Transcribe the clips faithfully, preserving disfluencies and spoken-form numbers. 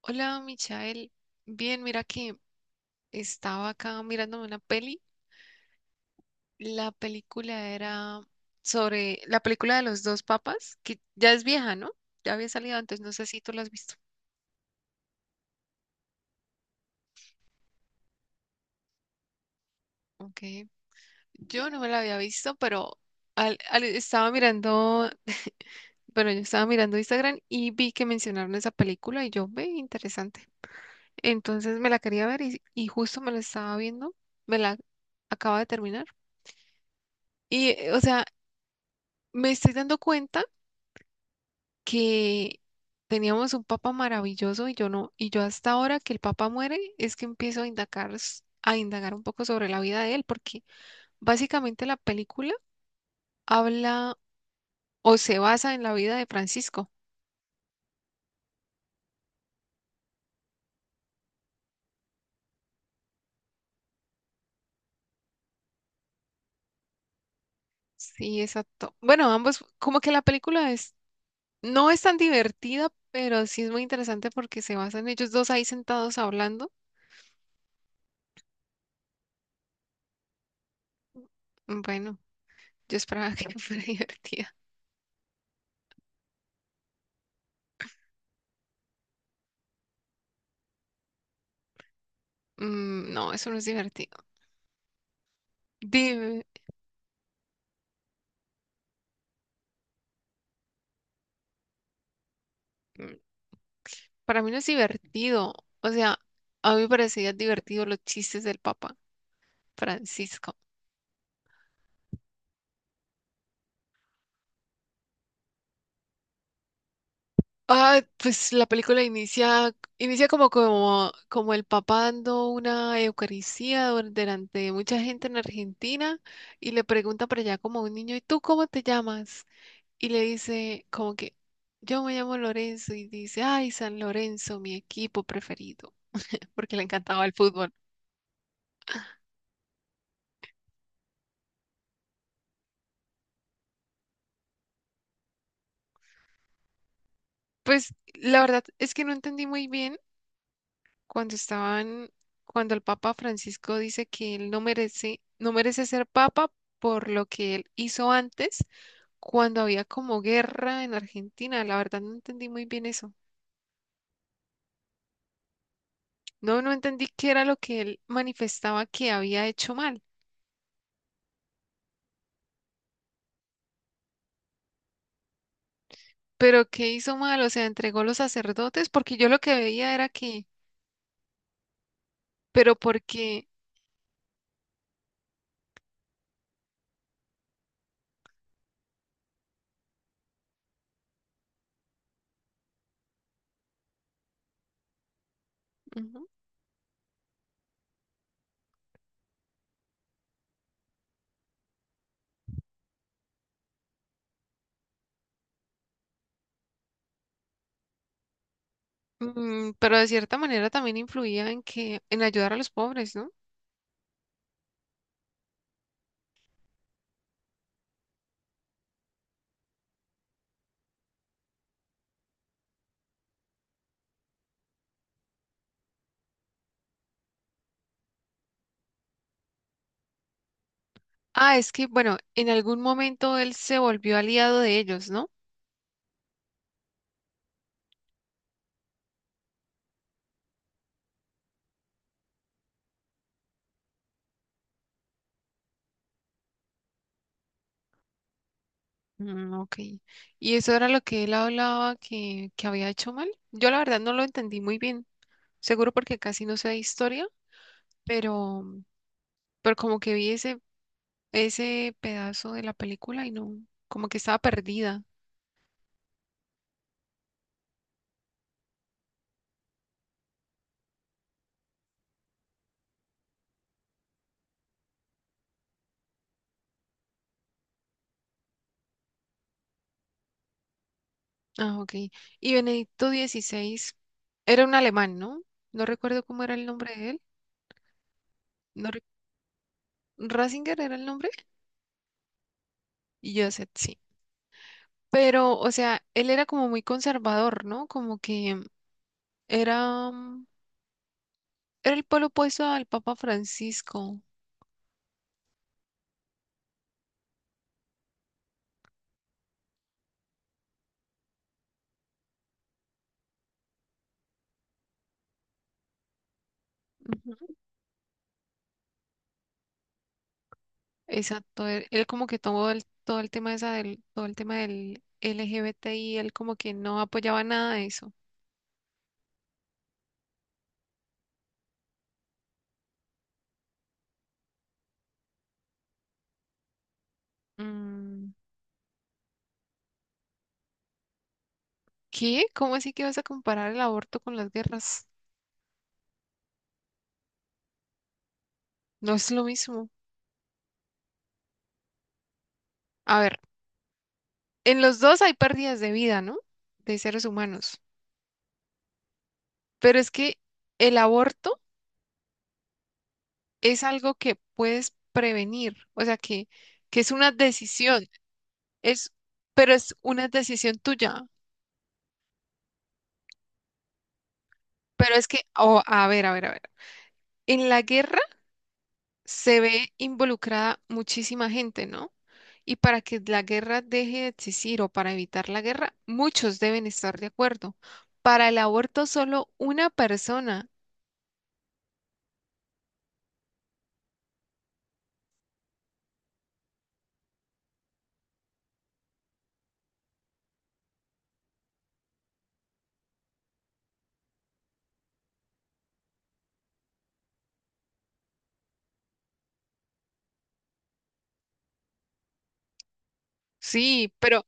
Hola, Michael. Bien, mira que estaba acá mirándome una peli. La película era sobre la película de los dos papas, que ya es vieja, ¿no? Ya había salido antes, no sé si tú la has visto. Okay. Yo no me la había visto, pero al- al- estaba mirando, bueno, yo estaba mirando Instagram y vi que mencionaron esa película y yo, ve, interesante. Entonces me la quería ver y, y justo me la estaba viendo, me la acaba de terminar. Y, eh, o sea, me estoy dando cuenta que teníamos un papa maravilloso y yo no, y yo hasta ahora que el papa muere es que empiezo a indagar, s- a indagar un poco sobre la vida de él, porque básicamente la película habla o se basa en la vida de Francisco. Sí, exacto. Bueno, ambos, como que la película es, no es tan divertida, pero sí es muy interesante porque se basa en ellos dos ahí sentados hablando. Bueno, yo esperaba que fuera divertida. Mm, no, eso no es divertido. Dime. Para mí no es divertido. O sea, a mí me parecía divertido los chistes del Papa Francisco. Ah, pues la película inicia, inicia como, como, como el Papa dando una Eucaristía dur- delante de mucha gente en Argentina y le pregunta por allá como a un niño, ¿y tú cómo te llamas? Y le dice como que yo me llamo Lorenzo y dice, ay, San Lorenzo, mi equipo preferido, porque le encantaba el fútbol. Pues la verdad es que no entendí muy bien cuando estaban, cuando el Papa Francisco dice que él no merece, no merece ser papa por lo que él hizo antes, cuando había como guerra en Argentina. La verdad no entendí muy bien eso. No, no entendí qué era lo que él manifestaba que había hecho mal, pero qué hizo mal, o sea, entregó los sacerdotes, porque yo lo que veía era que, pero porque, ujú, mm, pero de cierta manera también influía en que, en ayudar a los pobres, ¿no? Ah, es que, bueno, en algún momento él se volvió aliado de ellos, ¿no? Mm, ok. ¿Y eso era lo que él hablaba que, que había hecho mal? Yo la verdad no lo entendí muy bien, seguro porque casi no sé de historia, pero, pero como que vi ese, ese pedazo de la película y no, como que estaba perdida. Ah, ok. Y Benedicto dieciséis era un alemán, ¿no? No recuerdo cómo era el nombre de él. No, re- ¿Ratzinger era el nombre? Y yo sí. Pero, o sea, él era como muy conservador, ¿no? Como que era, mm, era el polo opuesto al Papa Francisco. Ujú. Exacto. Él, él como que tomó el, todo el tema esa del, todo el tema del L G B T I, él como que no apoyaba nada de eso. Mm, ¿qué? ¿Cómo así que vas a comparar el aborto con las guerras? No es lo mismo. A ver, en los dos hay pérdidas de vida, ¿no? De seres humanos. Pero es que el aborto es algo que puedes prevenir, o sea, que, que es una decisión, es, pero es una decisión tuya. Pero es que, oh, a ver, a ver, a ver. En la guerra se ve involucrada muchísima gente, ¿no? Y para que la guerra deje de existir o para evitar la guerra, muchos deben estar de acuerdo. Para el aborto, solo una persona. Sí, pero,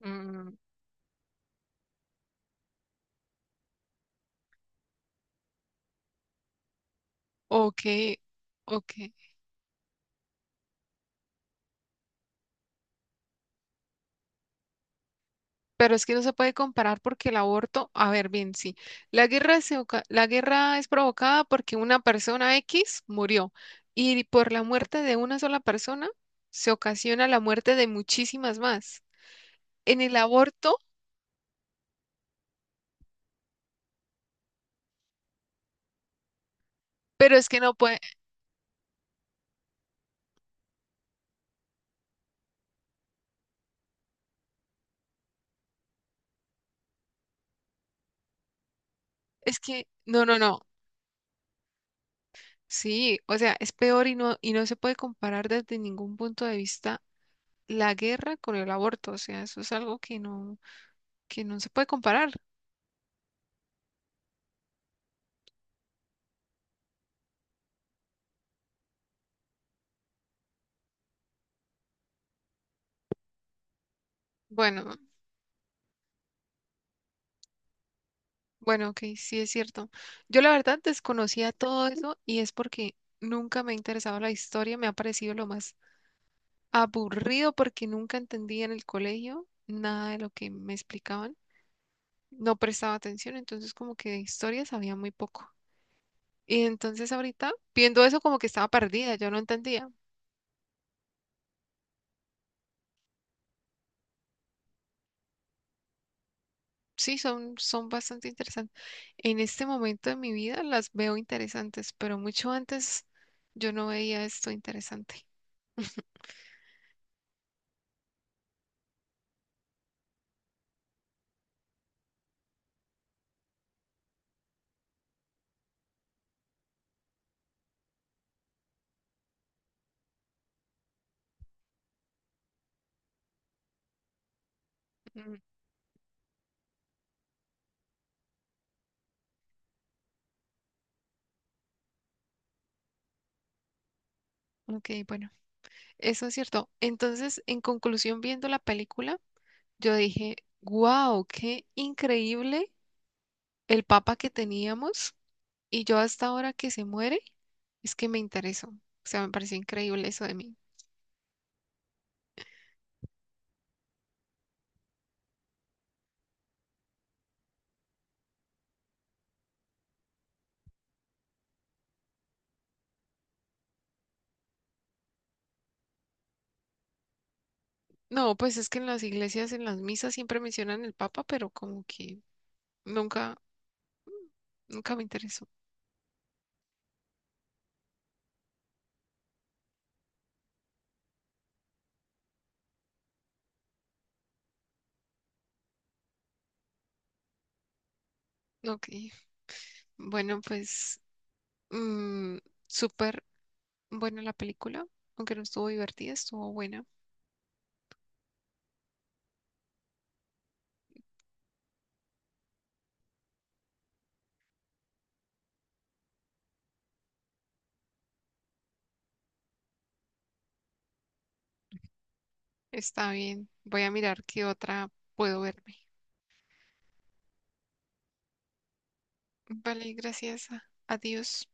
mm, ok, ok. Pero es que no se puede comparar porque el aborto, a ver, bien, sí, la guerra es, oca- la guerra es provocada porque una persona X murió y por la muerte de una sola persona se ocasiona la muerte de muchísimas más. En el aborto, pero es que no puede, es que, no, no, no, sí, o sea, es peor y no, y no se puede comparar desde ningún punto de vista la guerra con el aborto, o sea, eso es algo que no, que no se puede comparar. Bueno, Bueno, ok, sí es cierto. Yo la verdad desconocía todo eso y es porque nunca me ha interesado la historia, me ha parecido lo más aburrido porque nunca entendía en el colegio nada de lo que me explicaban, no prestaba atención, entonces como que de historia sabía muy poco. Y entonces ahorita viendo eso como que estaba perdida, yo no entendía. Sí, son, son bastante interesantes. En este momento de mi vida las veo interesantes, pero mucho antes yo no veía esto interesante. Mm, ok, bueno. Eso es cierto. Entonces, en conclusión, viendo la película, yo dije, wow, qué increíble el papa que teníamos. Y yo hasta ahora que se muere, es que me interesó. O sea, me pareció increíble eso de mí. No, pues es que en las iglesias, en las misas siempre mencionan el papa, pero como que nunca, nunca me interesó. Ok, bueno, pues mm, súper. Bueno, la película, aunque no estuvo divertida, estuvo buena. Está bien. Voy a mirar qué otra puedo verme. Vale, gracias. Adiós.